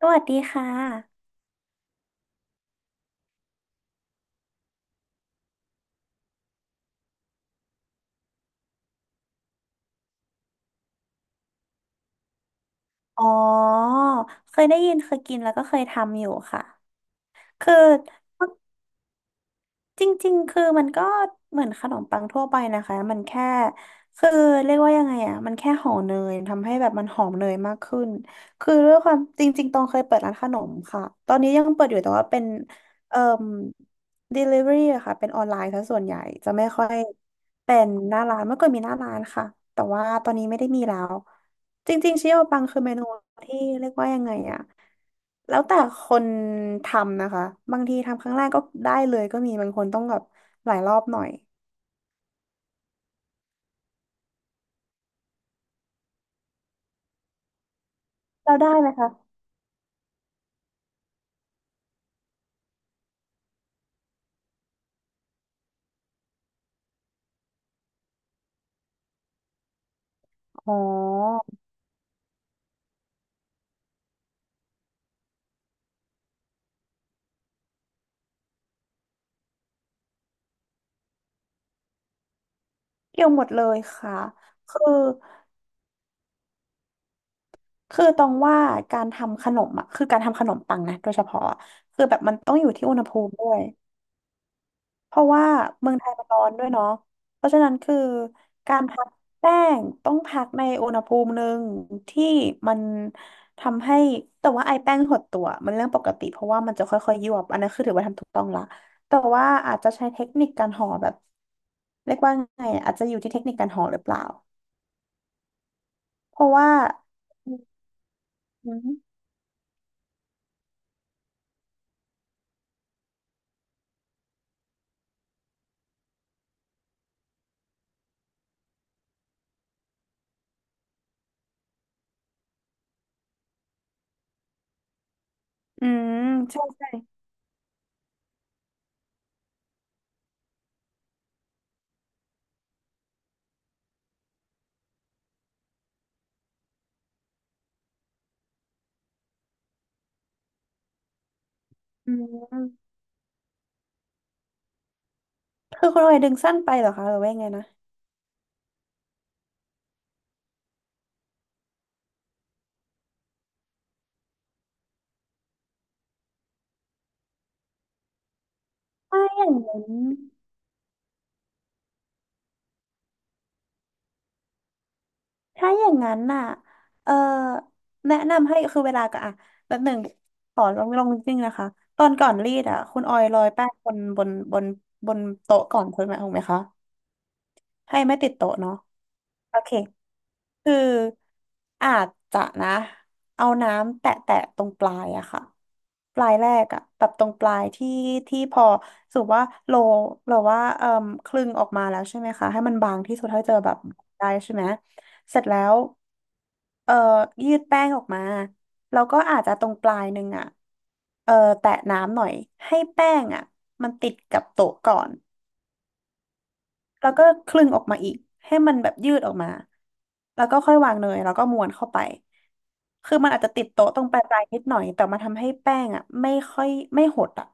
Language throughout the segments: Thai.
สวัสดีค่ะ อ๋อ เคยได้ยินเคยกินแล้วก็เคยทำอยู่ค่ะ คือ จริงๆคือมันก็เหมือนขนมปังทั่วไปนะคะมันแค่คือเรียกว่ายังไงอ่ะมันแค่ห่อเนยทำให้แบบมันหอมเนยมากขึ้นคือด้วยความจริงๆตองเคยเปิดร้านขนมค่ะตอนนี้ยังเปิดอยู่แต่ว่าเป็นเอ่อ delivery อะค่ะเป็นออนไลน์ซะส่วนใหญ่จะไม่ค่อยเป็นหน้าร้านเมื่อก่อนมีหน้าร้านค่ะแต่ว่าตอนนี้ไม่ได้มีแล้วจริงๆชิโอปังคือเมนูที่เรียกว่ายังไงอ่ะ แล้วแต่คนทำนะคะ บางทีทำครั้งแรกก็ได้เลยก็มีบางคนต้องแบบหลายรอบหน่อยเราได้ไหมคะ อ๋อเกี่ยวหมดเลยค่ะ คือคือตรงว่าการทำขนมอ่ะคือการทำขนมปังนะโดยเฉพาะอะคือแบบมันต้องอยู่ที่อุณหภูมิด้วย เพราะว่าเมืองไทยมันร้อนด้วยเนาะเพราะฉะนั้นคือการพักแป้งต้องพักในอุณหภูมิหนึ่งที่มันทำให้แต่ว่าไอแป้งหดตัวมันเรื่องปกติเพราะว่ามันจะค่อยๆยวบอันนั้นคือถือว่าทำถูกต้องละแต่ว่าอาจจะใช้เทคนิคการห่อแบบเรียกว่าไงอะอาจจะอยู่ที่เทคนิคการห่อหรือเปล่าเพราะว่าอืมอืมใช่ใช่อืมคือคุณออยดึงสั้นไปเหรอคะหรือว่ายังไงนะไม่อย่างนั้น ถ้าอย่างนั้นน่ะเออแนะนำให้คือเวลาก็อ่ะแบบหนึ่งขอลองลองจริงๆนะคะ ตอนก่อนรีดอ่ะคุณออยโรยแป้งบนบนโต๊ะก่อนคุณไหมถูกไหมคะให้ไม่ติดโต๊ะเนาะโอเคคืออาจจะนะเอาน้ำแตะแตะตรงปลายอะค่ะ ปลายแรกอะแบบตรงปลายที่พอสมมุติว่าโลเราว่าเอ่มคลึงออกมาแล้วใช่ไหมคะให้มันบางที่สุดเท่าที่จะแบบได้ใช่ไหมเสร็จแล้วเอ่อยืดแป้งออกมาแล้วก็อาจจะตรงปลายหนึ่งอะเอ่อแตะน้ำหน่อยให้แป้งอะมันติดกับโต๊ะก่อนแล้วก็คลึงออกมาอีกให้มันแบบยืดออกมาแล้วก็ค่อยวางเนยแล้วก็ม้วนเข้าไปคือมันอาจจะติดโต๊ะตรงปลายๆนิดหน่อยแต่มันทำให้แป้งอ่ะไม่ค่อยไม่หดอ่ะ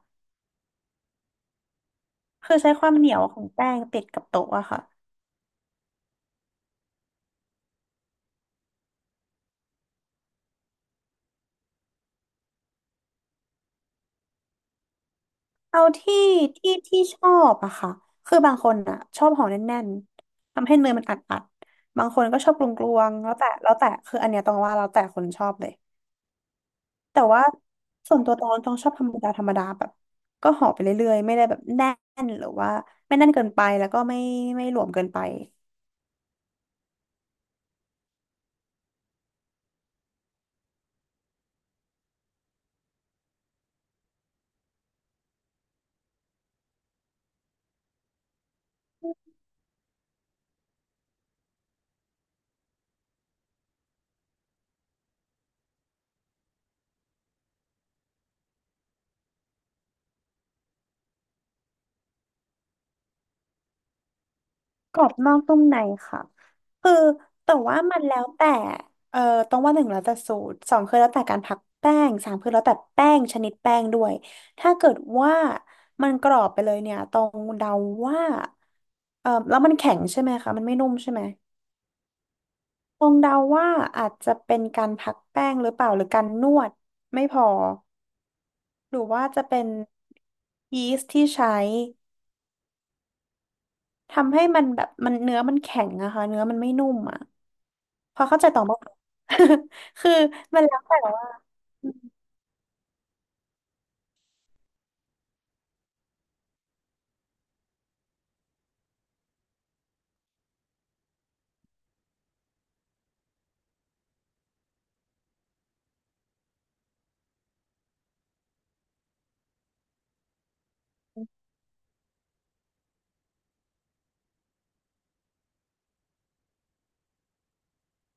คือใช้ความเหนียวของแป้งติดกับโต๊ะอะค่ะเอาที่ชอบอะค่ะคือบางคนอะชอบห่อแน่นๆทำให้เนยมันอัดๆบางคนก็ชอบกลวงๆแล้วแต่แล้วแต่คืออันเนี้ยต้องว่าแล้วแต่คนชอบเลยแต่ว่าส่วนตัวตองต้องชอบธรรมดาธรรมดาแบบก็ห่อไปเรื่อยๆไม่ได้แบบแน่นหรือว่าไม่แน่นเกินไปแล้วก็ไม่ไม่หลวมเกินไป กรอบนอกนุ่มในค่ะคือแต่ว่ามันแล้วแต่เอ่อต้องว่าหนึ่งแล้วแต่สูตรสองคือแล้วแต่การพักแป้งสามคือแล้วแต่แป้งชนิดแป้งด้วยถ้าเกิดว่ามันกรอบไปเลยเนี่ยตองเดาว่าแล้วมันแข็งใช่ไหมคะมันไม่นุ่มใช่ไหมตองเดาว่าอาจจะเป็นการพักแป้งหรือเปล่าหรือการนวดไม่พอหรือว่าจะเป็นยีสต์ที่ใช้ทำให้มันแบบมันเนื้อมันแข็งอะค่ะเนื้อมันไม่นุ่มอะ พอเข้าใจต่อบ้าง คือมันแล้วแต่ว่า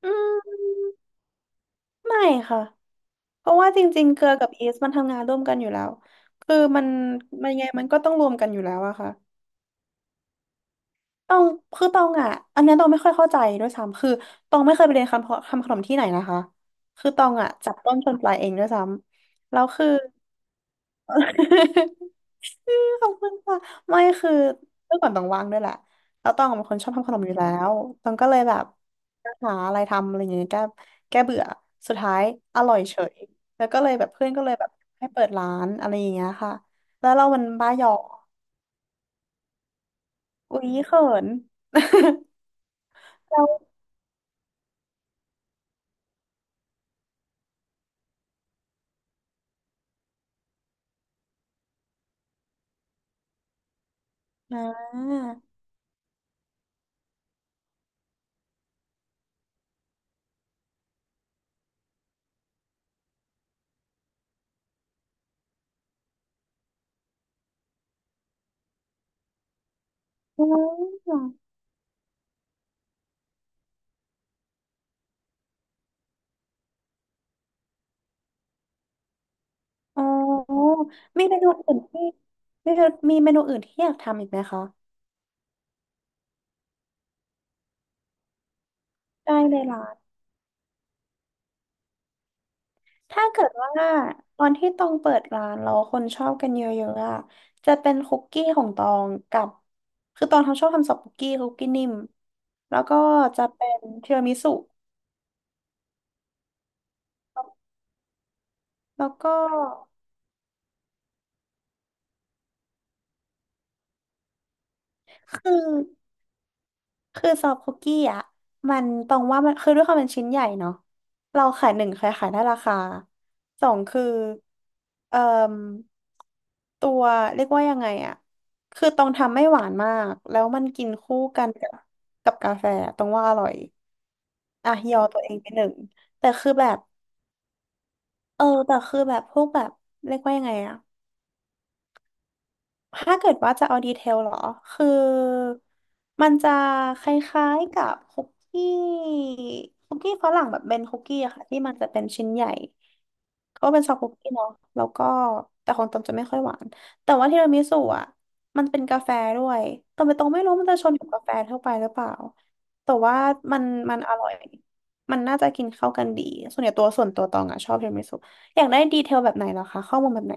อืมไม่ค่ะเพราะว่าจริงๆเกลือกับยีสต์มันทำงานร่วมกันอยู่แล้วคือมันมันยังไงมันก็ต้องรวมกันอยู่แล้วอะค่ะตองคือตองอะอันเนี้ยตองไม่ค่อยเข้าใจด้วยซ้ำคือตองไม่เคยไปเรียนคำขนมที่ไหนนะคะคือตองอะจับต้นชนปลายเองด้วยซ้ำแล้วคือ ขอบคุณค่ะไม่คือเมื่อก่อนต้องว่างด้วยแหละแล้วต้องเป็นคนชอบทำขนมอยู่แล้วต้องก็เลยแบบหาอะไรทำอะไรอย่างเงี้ยแก้เบื่อสุดท้ายอร่อยเฉยแล้วก็เลยแบบเพื่อนก็เลยแบบให้เปิดร้านอะไรอย่างเงี้ยค่ะแล้วเรามันบ้าหยอกอุ๊ยเขิน เราอ่าอ๋ออ๋อมีเมนูอื่นที่มีมีเมนูอื่นที่อยากทำอีกไหมคะได้เลยล่ะ ถ้าเกิดว่าตอนที่ตองเปิดร้านแล้วคนชอบกันเยอะๆอะจะเป็นคุกกี้ของตองกับคือตองทำชอบทำซอฟต์คุกกี้คุกกี้นิ่มแล้วก็จะเป็นทีรามิสุแล้วก็คือ คือซอฟต์คุกกี้อ่ะมันตรงว่ามันคือด้วยความเป็นชิ้นใหญ่เนาะเราขายหนึ่งเคยขายได้ราคาสองคือเอ่มตัวเรียกว่ายังไงอ่ะคือตองทำไม่หวานมากแล้วมันกินคู่กันกับกาแฟตรงว่าอร่อยอ่ะยอตัวเองไปหนึ่งแต่คือแบบแต่คือแบบพวกแบบเรียกว่ายังไงอ่ะ ถ้าเกิดว่าจะเอาดีเทลเหรอคือมันจะคล้ายๆกับคุกกี้คุกกี้ฝรั่งแบบเป็นคุกกี้อะค่ะที่มันจะเป็นชิ้นใหญ่ก็เป็นซอฟต์คุกกี้เนาะแล้วก็แต่ของตองจะไม่ค่อยหวานแต่ว่าทีรามิสุอ่ะมันเป็นกาแฟด้วยตองไม่รู้มันจะชนกับกาแฟทั่วไปหรือเปล่าแต่ว่ามันมันอร่อยมันน่าจะกินเข้ากันดีส่วนใหญ่ส่วนตัวตองอ่ะชอบทีรามิสุอยากได้ดีเทลแบบไหนเหรอคะข้อมูลแบบไหน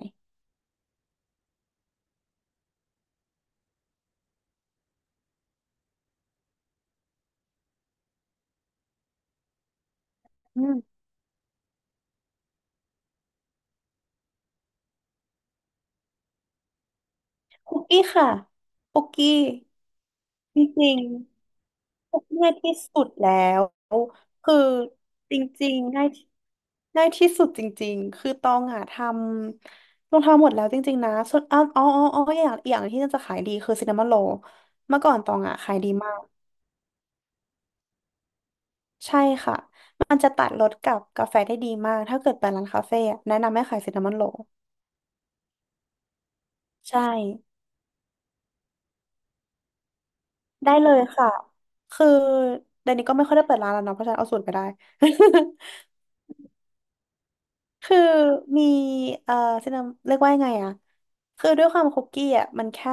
คุกกี้ค่ะคุกกี้จริงๆคุกกี้ง่ายที่สุดแล้วคือจริงๆง่ายง่ายที่สุดจริงๆคือตองอ่ะลองทำหมดแล้วจริงๆนะส่วนอ๋ออย่างอย่างที่น่าจะขายดีคือซินนามอนโรลเมื่อก่อนตองอ่ะขายดีมากใช่ค่ะมันจะตัดรสกับกาแฟได้ดีมากถ้าเกิดไปร้านคาเฟ่อะแนะนำให้ขายซินนามอนโรลใช่ได้เลยค่ะคือเดี๋ยวนี้ก็ไม่ค่อยได้เปิดร้านแล้วเนาะเพราะฉะนั้นเอาสูตรไปได้ คือมีเอ่อซินาเรียกว่ายังไงอะคือด้วยความคุกกี้อะมันแค่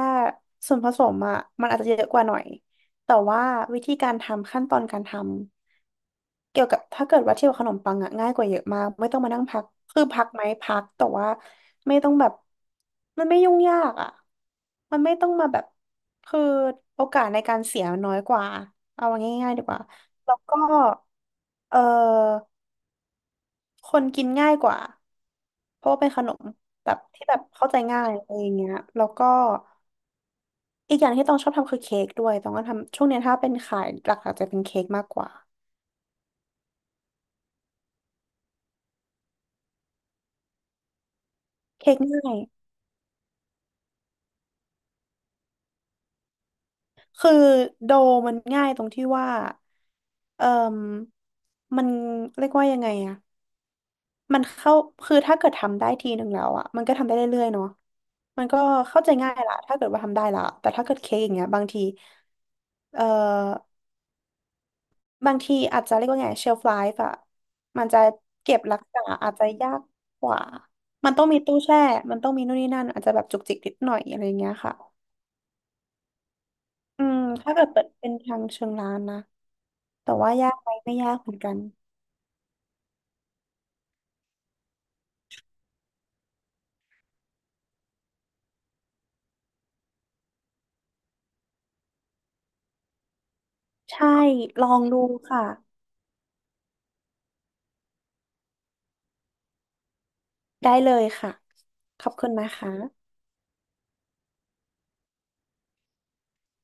ส่วนผสมอะมันอาจจะเยอะกว่าหน่อยแต่ว่าวิธีการทำขั้นตอนการทำเกี่ยวกับถ้าเกิดว่าเทียบกับขนมปังอะง่ายกว่าเยอะมากไม่ต้องมานั่งพักคือพักไหมพักแต่ว่าไม่ต้องแบบมันไม่ยุ่งยากอะมันไม่ต้องมาแบบคือโอกาสในการเสียน้อยกว่าเอาง่ายๆดีกว่าแล้วก็เออ คนกินง่ายกว่าเพราะว่าเป็นขนมแบบที่แบบเข้าใจง่ายอะไรอย่างเงี้ยแล้วก็อีกอย่างที่ต้องชอบทำคือเค้กด้วยต้องก็ทำช่วงเนี้ยถ้าเป็นขายหลักๆจะเป็นเค้กมากกว่าเค้กง่ายคือโดมันง่ายตรงที่ว่าเอ่มมันเรียกว่ายังไงอะมันเข้าคือถ้าเกิดทำได้ทีหนึ่งแล้วอะมันก็ทำได้เรื่อยๆเนาะมันก็เข้าใจง่ายละถ้าเกิดว่าทำได้ละแต่ถ้าเกิดเค้กอย่างเงี้ยบางทีเอ่อ บางทีอาจจะเรียกว่าไงเชลฟ l ล f e อะมันจะเก็บรักษาอาจจะยากกว่ามันต้องมีตู้แช่มันต้องมีนู่นนี่นั่นอาจจะแบบจุกจิกนิดหน่อยอะไรอย่างเงี้ยค่ะอืมถ้าเกิดเปิดเป็นทางเชิงร้านนะแต่ว่ายากไหมไม่ยากเหมือนกันใช่ลองดูค่ะได้เลยค่ะขอบคุณนะคะ